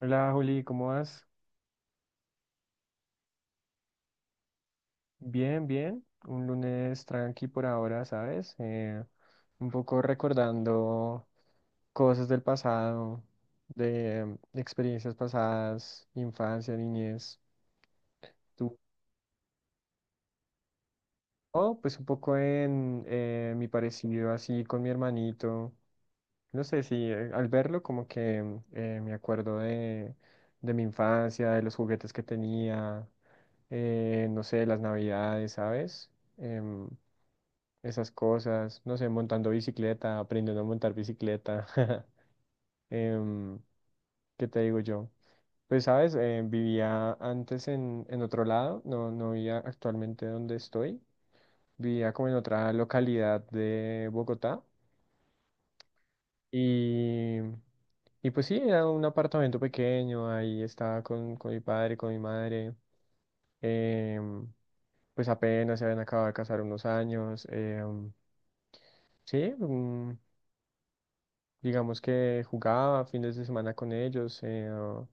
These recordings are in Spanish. Hola Juli, ¿cómo vas? Bien, bien. Un lunes tranqui por ahora, ¿sabes? Un poco recordando cosas del pasado, de experiencias pasadas, infancia, niñez. ¿Tú? Oh, pues un poco en mi parecido así con mi hermanito. No sé si al verlo como que me acuerdo de mi infancia, de los juguetes que tenía, no sé, las navidades, ¿sabes? Em, esas cosas, no sé, montando bicicleta, aprendiendo a montar bicicleta. Em, ¿qué te digo yo? Pues, sabes, vivía antes en otro lado, no, no vivía actualmente donde estoy, vivía como en otra localidad de Bogotá y, y pues sí, era un apartamento pequeño, ahí estaba con mi padre, con mi madre, em, pues apenas se habían acabado de casar unos años, sí, digamos que jugaba fines de semana con ellos.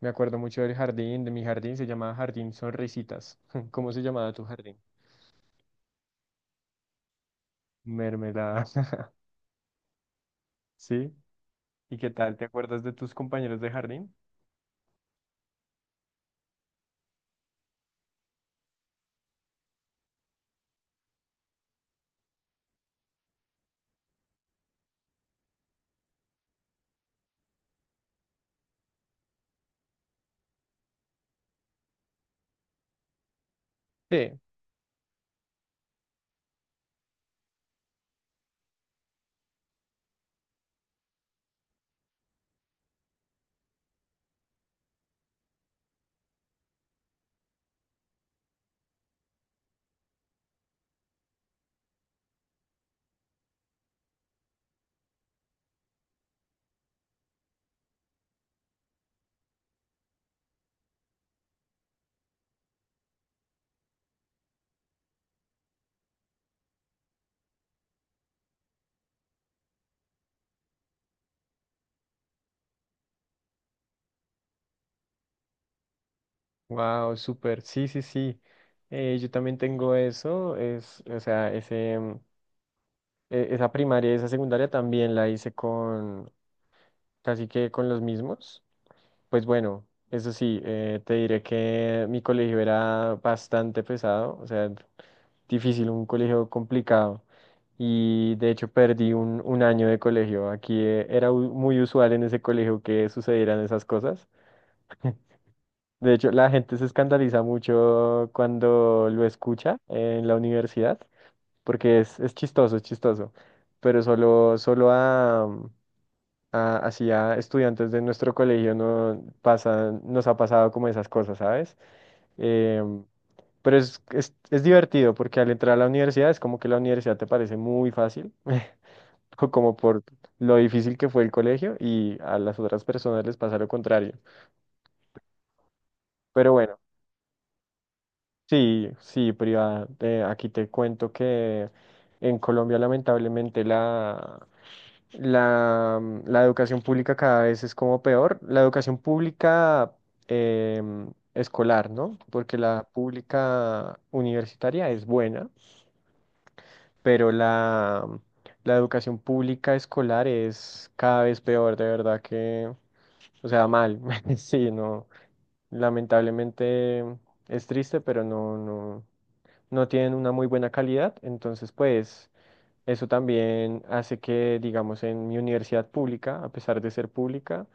Me acuerdo mucho del jardín, de mi jardín, se llamaba Jardín Sonrisitas. ¿Cómo se llamaba tu jardín? Mermelada. ¿Sí? ¿Y qué tal? ¿Te acuerdas de tus compañeros de jardín? Sí. Wow, súper. Sí, sí, sí. Yo también tengo eso. Es, o sea, ese, esa primaria y esa secundaria también la hice con casi que con los mismos. Pues bueno, eso sí, te diré que mi colegio era bastante pesado, o sea, difícil, un colegio complicado. Y de hecho perdí un año de colegio. Aquí era muy usual en ese colegio que sucedieran esas cosas. De hecho, la gente se escandaliza mucho cuando lo escucha en la universidad, porque es chistoso, es chistoso. Pero solo, solo así a estudiantes de nuestro colegio no pasan, nos ha pasado como esas cosas, ¿sabes? Em, pero es divertido porque al entrar a la universidad es como que la universidad te parece muy fácil, o como por lo difícil que fue el colegio y a las otras personas les pasa lo contrario. Pero bueno, sí, sí, privada, aquí te cuento que en Colombia lamentablemente la... La, la educación pública cada vez es como peor. La educación pública escolar, ¿no? Porque la pública universitaria es buena, pero la, la educación pública escolar es cada vez peor, de verdad que, o sea, mal. Sí, no. Lamentablemente es triste, pero no, no, no tienen una muy buena calidad. Entonces, pues... Eso también hace que, digamos, en mi universidad pública, a pesar de ser pública,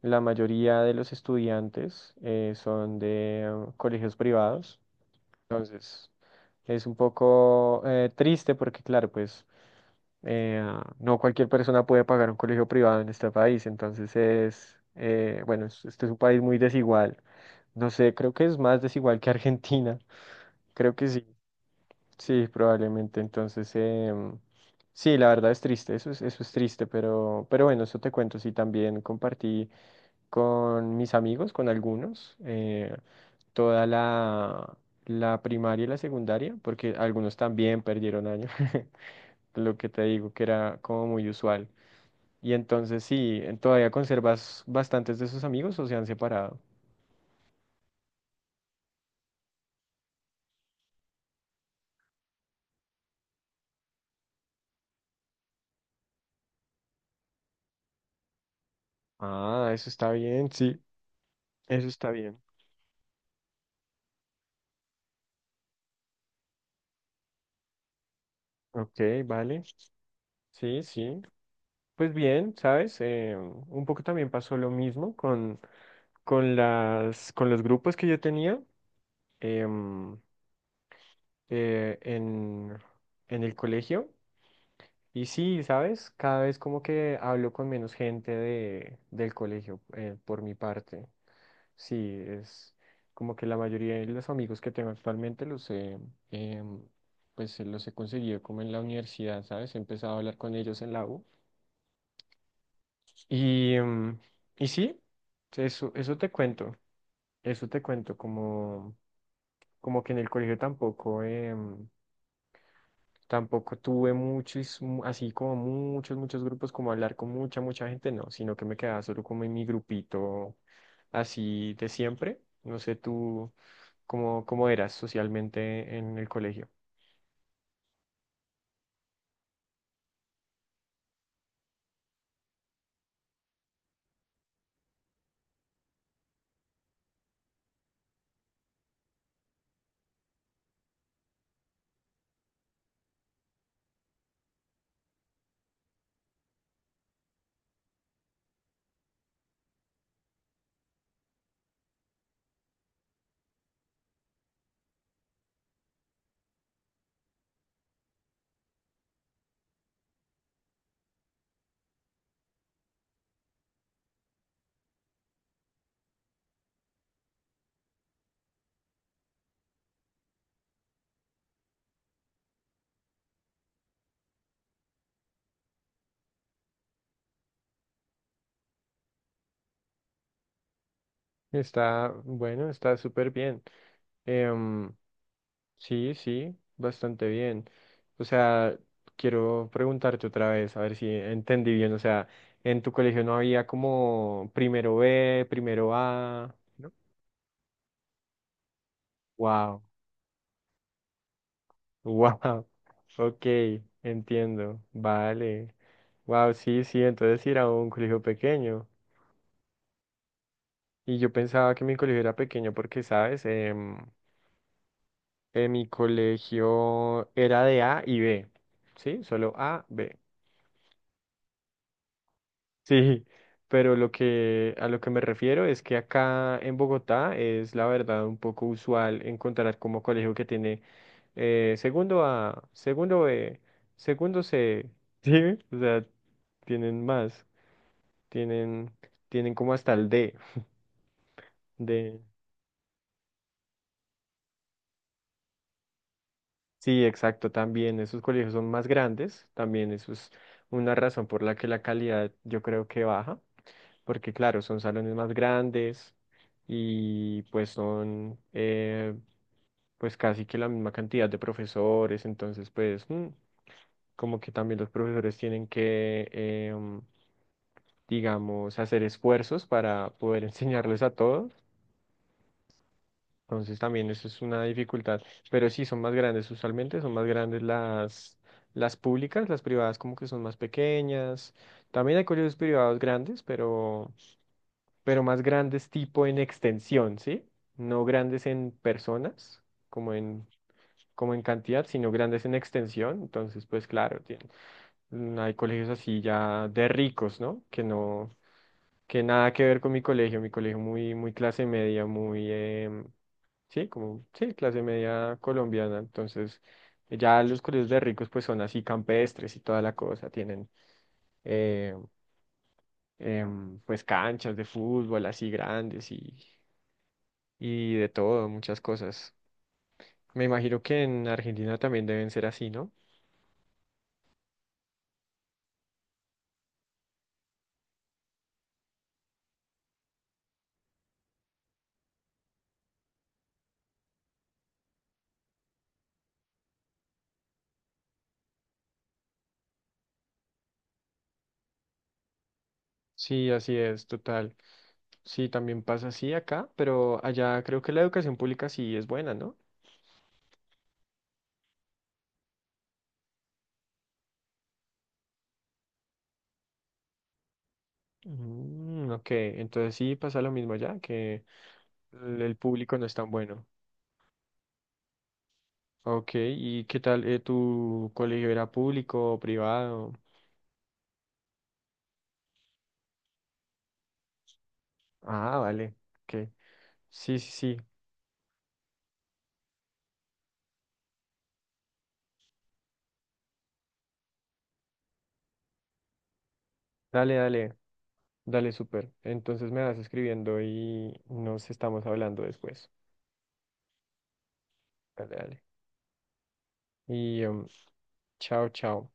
la mayoría de los estudiantes son de colegios privados. Entonces, es un poco triste porque, claro, pues eh, no cualquier persona puede pagar un colegio privado en este país. Entonces, es, bueno, este es un país muy desigual. No sé, creo que es más desigual que Argentina. Creo que sí. Sí, probablemente. Entonces, sí, la verdad es triste, eso es triste, pero bueno, eso te cuento. Sí, también compartí con mis amigos, con algunos, toda la primaria y la secundaria, porque algunos también perdieron año, lo que te digo que era como muy usual. Y entonces, sí, todavía conservas bastantes de sus amigos o se han separado. Ah, eso está bien, sí, eso está bien. Ok, vale, sí, sí. Pues bien, ¿sabes? Un poco también pasó lo mismo con las, con los grupos que yo tenía em, eh, en, en el colegio. Y sí, ¿sabes? Cada vez como que hablo con menos gente de, del colegio por mi parte. Sí, es como que la mayoría de los amigos que tengo actualmente los em, pues, los he conseguido como en la universidad, ¿sabes? He empezado a hablar con ellos en la U. Y, y sí, eso, eso te cuento, como, como que en el colegio tampoco, tampoco tuve muchos, así como muchos, muchos grupos, como hablar con mucha, mucha gente, no, sino que me quedaba solo como en mi grupito así de siempre. No sé tú cómo, cómo eras socialmente en el colegio. Está, bueno, está súper bien. Em, sí, sí, bastante bien. O sea, quiero preguntarte otra vez, a ver si entendí bien. O sea, en tu colegio no había como primero B, primero A. ¿no? Wow, wow. Ok, entiendo. Vale. Wow, sí, sí, entonces sí era un colegio pequeño. Y yo pensaba que mi colegio era pequeño porque, ¿sabes? Em, en mi colegio era de A y B. ¿Sí? Solo A, B. Sí, pero lo que a lo que me refiero es que acá en Bogotá es la verdad un poco usual encontrar como colegio que tiene segundo A, segundo B, segundo C, ¿sí? O sea, tienen más, tienen, tienen como hasta el D, de, sí, exacto, también esos colegios son más grandes, también eso es una razón por la que la calidad yo creo que baja, porque claro, son salones más grandes y pues son pues casi que la misma cantidad de profesores, entonces pues como que también los profesores tienen que, digamos, hacer esfuerzos para poder enseñarles a todos, entonces también eso es una dificultad, pero sí son más grandes usualmente, son más grandes las públicas, las privadas como que son más pequeñas, también hay colegios privados grandes, pero más grandes tipo en extensión, ¿sí? No grandes en personas, como en como en cantidad, sino grandes en extensión. Entonces, pues claro, hay colegios así ya de ricos, ¿no? Que no, que nada que ver con mi colegio muy, muy clase media, muy, sí, como, sí, clase media colombiana. Entonces, ya los colegios de ricos, pues son así campestres y toda la cosa, tienen, eh, pues canchas de fútbol así grandes y de todo, muchas cosas. Me imagino que en Argentina también deben ser así, ¿no? Sí, así es, total. Sí, también pasa así acá, pero allá creo que la educación pública sí es buena, ¿no? Mm, ok, entonces sí pasa lo mismo allá, que el público no es tan bueno. Ok, ¿y qué tal? ¿Tu colegio era público o privado? Ah, vale, ok. Sí, sí, sí. Dale, dale, dale, súper. Entonces me vas escribiendo y nos estamos hablando después. Dale, dale. Y chao, chao.